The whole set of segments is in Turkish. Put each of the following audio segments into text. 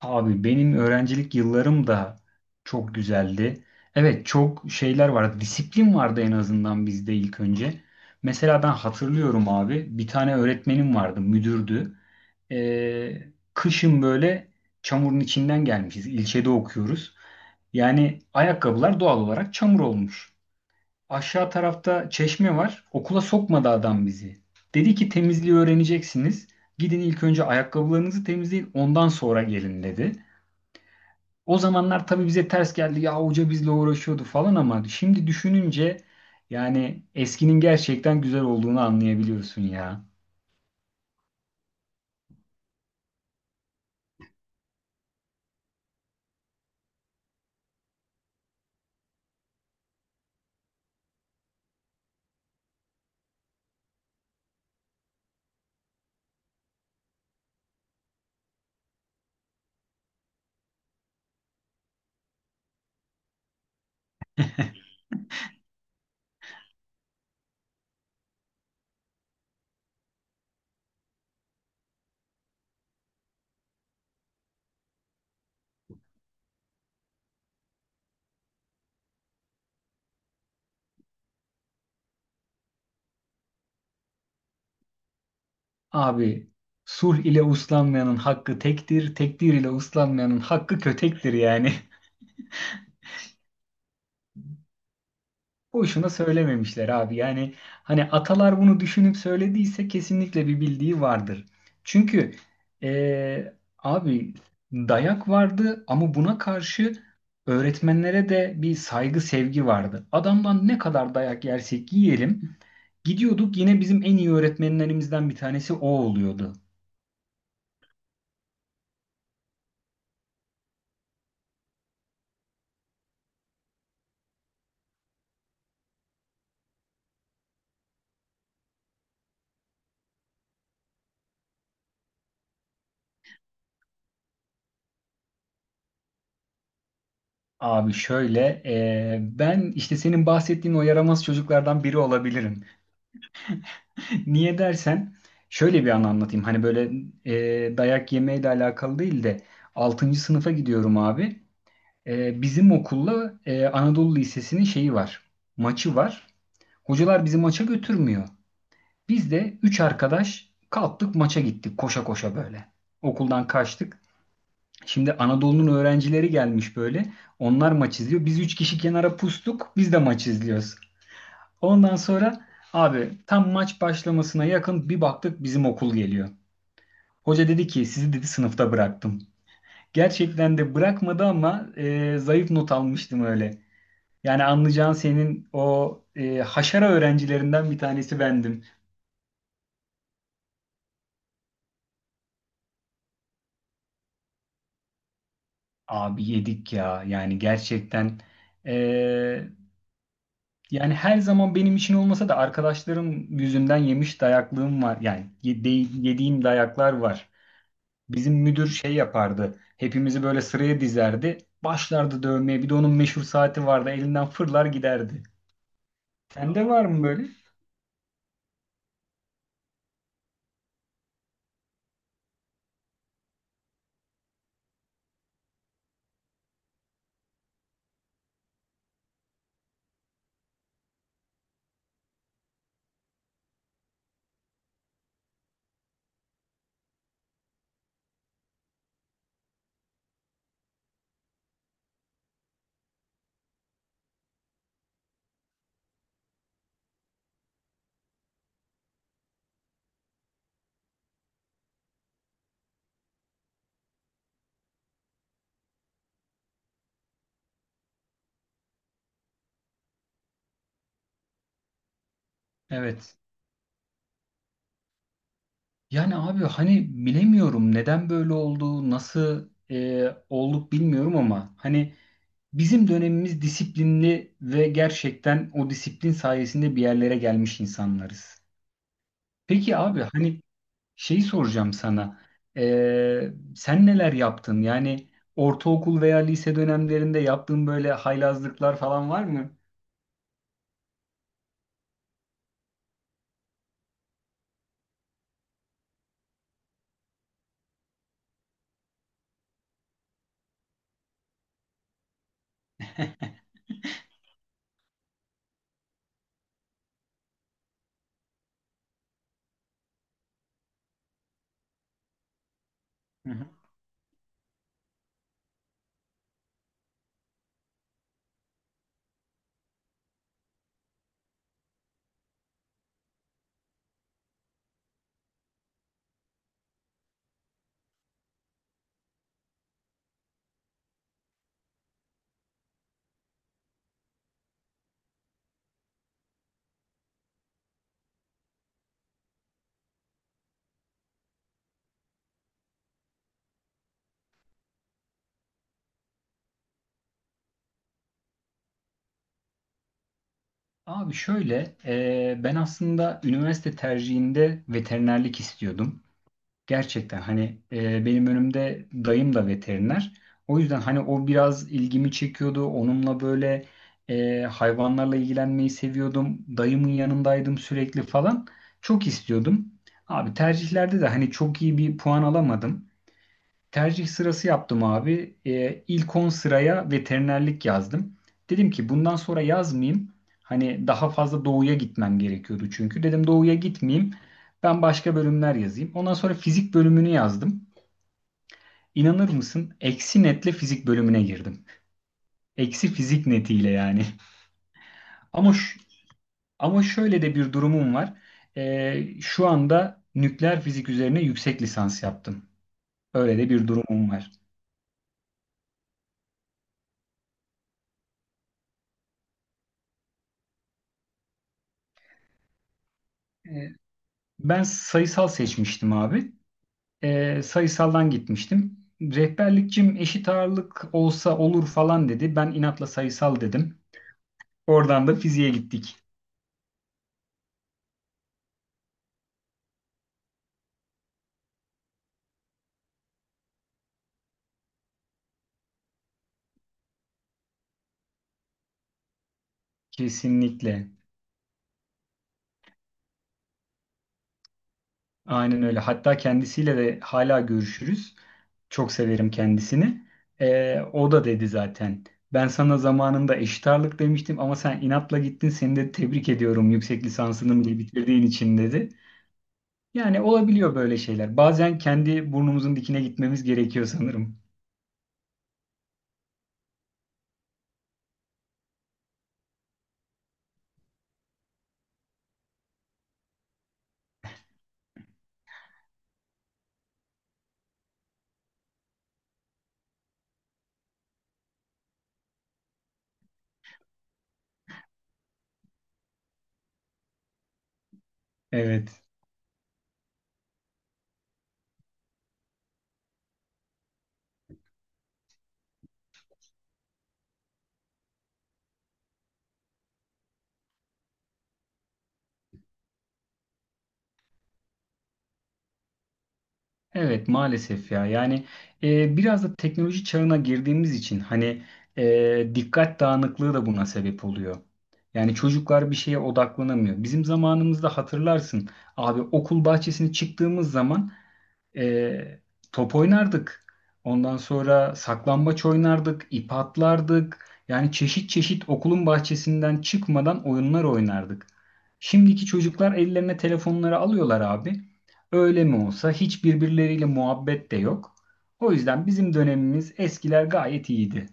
Abi benim öğrencilik yıllarım da çok güzeldi. Evet çok şeyler vardı. Disiplin vardı en azından bizde ilk önce. Mesela ben hatırlıyorum abi bir tane öğretmenim vardı müdürdü. Kışın böyle çamurun içinden gelmişiz. İlçede okuyoruz. Yani ayakkabılar doğal olarak çamur olmuş. Aşağı tarafta çeşme var. Okula sokmadı adam bizi. Dedi ki temizliği öğreneceksiniz. Gidin ilk önce ayakkabılarınızı temizleyin ondan sonra gelin dedi. O zamanlar tabii bize ters geldi. Ya hoca bizle uğraşıyordu falan ama şimdi düşününce yani eskinin gerçekten güzel olduğunu anlayabiliyorsun ya. Abi sulh ile uslanmayanın hakkı tektir, tekdir ile uslanmayanın hakkı kötektir yani. Boşuna söylememişler abi. Yani hani atalar bunu düşünüp söylediyse kesinlikle bir bildiği vardır. Çünkü abi dayak vardı ama buna karşı öğretmenlere de bir saygı sevgi vardı. Adamdan ne kadar dayak yersek yiyelim gidiyorduk yine bizim en iyi öğretmenlerimizden bir tanesi o oluyordu. Abi şöyle ben işte senin bahsettiğin o yaramaz çocuklardan biri olabilirim. Niye dersen şöyle bir an anlatayım. Hani böyle dayak yemeyle alakalı değil de altıncı sınıfa gidiyorum abi. Bizim okulla Anadolu Lisesi'nin şeyi var. Maçı var. Hocalar bizi maça götürmüyor. Biz de 3 arkadaş kalktık maça gittik koşa koşa böyle. Okuldan kaçtık. Şimdi Anadolu'nun öğrencileri gelmiş böyle. Onlar maç izliyor. Biz 3 kişi kenara pustuk. Biz de maç izliyoruz. Ondan sonra abi tam maç başlamasına yakın bir baktık bizim okul geliyor. Hoca dedi ki sizi dedi sınıfta bıraktım. Gerçekten de bırakmadı ama zayıf not almıştım öyle. Yani anlayacağın senin o haşara öğrencilerinden bir tanesi bendim. Abi yedik ya yani gerçekten. e, Yani her zaman benim için olmasa da arkadaşlarım yüzünden yemiş dayaklığım var. Yani yediğim dayaklar var. Bizim müdür şey yapardı. Hepimizi böyle sıraya dizerdi. Başlardı dövmeye. Bir de onun meşhur saati vardı. Elinden fırlar giderdi. Sende var mı böyle? Evet. Yani abi hani bilemiyorum neden böyle oldu, nasıl olduk bilmiyorum ama hani bizim dönemimiz disiplinli ve gerçekten o disiplin sayesinde bir yerlere gelmiş insanlarız. Peki abi hani şeyi soracağım sana. Sen neler yaptın? Yani ortaokul veya lise dönemlerinde yaptığın böyle haylazlıklar falan var mı? Abi şöyle, ben aslında üniversite tercihinde veterinerlik istiyordum. Gerçekten hani benim önümde dayım da veteriner. O yüzden hani o biraz ilgimi çekiyordu. Onunla böyle hayvanlarla ilgilenmeyi seviyordum. Dayımın yanındaydım sürekli falan. Çok istiyordum. Abi tercihlerde de hani çok iyi bir puan alamadım. Tercih sırası yaptım abi. İlk 10 sıraya veterinerlik yazdım. Dedim ki bundan sonra yazmayayım. Hani daha fazla doğuya gitmem gerekiyordu çünkü. Dedim doğuya gitmeyeyim. Ben başka bölümler yazayım. Ondan sonra fizik bölümünü yazdım. İnanır mısın? Eksi netle fizik bölümüne girdim. Eksi fizik netiyle yani. Ama ş- ama şöyle de bir durumum var. Şu anda nükleer fizik üzerine yüksek lisans yaptım. Öyle de bir durumum var. Ee, Ben sayısal seçmiştim abi. Sayısaldan gitmiştim. Rehberlikçim eşit ağırlık olsa olur falan dedi. Ben inatla sayısal dedim. Oradan da fiziğe gittik. Kesinlikle. Aynen öyle. Hatta kendisiyle de hala görüşürüz. Çok severim kendisini. O da dedi zaten. Ben sana zamanında eşit ağırlık demiştim ama sen inatla gittin. Seni de tebrik ediyorum yüksek lisansını bile bitirdiğin için dedi. Yani olabiliyor böyle şeyler. Bazen kendi burnumuzun dikine gitmemiz gerekiyor sanırım. Evet. Evet maalesef ya yani biraz da teknoloji çağına girdiğimiz için hani dikkat dağınıklığı da buna sebep oluyor. Yani çocuklar bir şeye odaklanamıyor. Bizim zamanımızda hatırlarsın abi okul bahçesine çıktığımız zaman e, top oynardık. Ondan sonra saklambaç oynardık, ip atlardık. Yani çeşit çeşit okulun bahçesinden çıkmadan oyunlar oynardık. Şimdiki çocuklar ellerine telefonları alıyorlar abi. Öyle mi olsa hiç birbirleriyle muhabbet de yok. O yüzden bizim dönemimiz eskiler gayet iyiydi.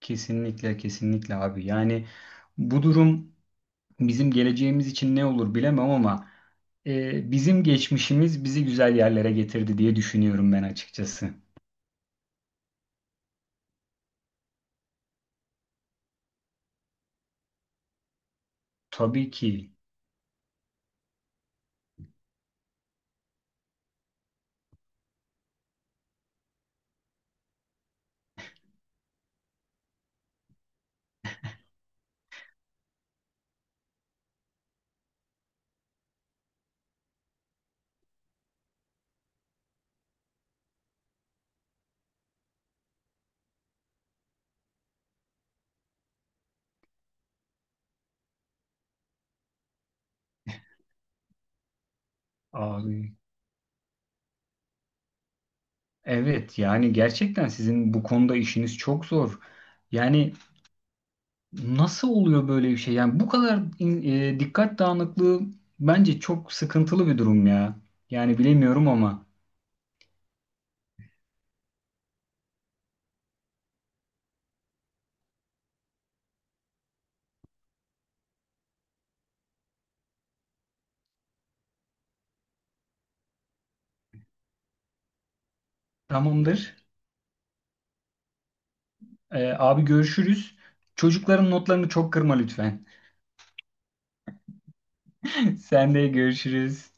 Kesinlikle kesinlikle abi. Yani bu durum bizim geleceğimiz için ne olur bilemem ama bizim geçmişimiz bizi güzel yerlere getirdi diye düşünüyorum ben açıkçası. Tabii ki abi. Evet yani gerçekten sizin bu konuda işiniz çok zor. Yani nasıl oluyor böyle bir şey? Yani bu kadar dikkat dağınıklığı bence çok sıkıntılı bir durum ya. Yani bilemiyorum ama tamamdır. Abi görüşürüz. Çocukların notlarını çok kırma lütfen. Sen de görüşürüz.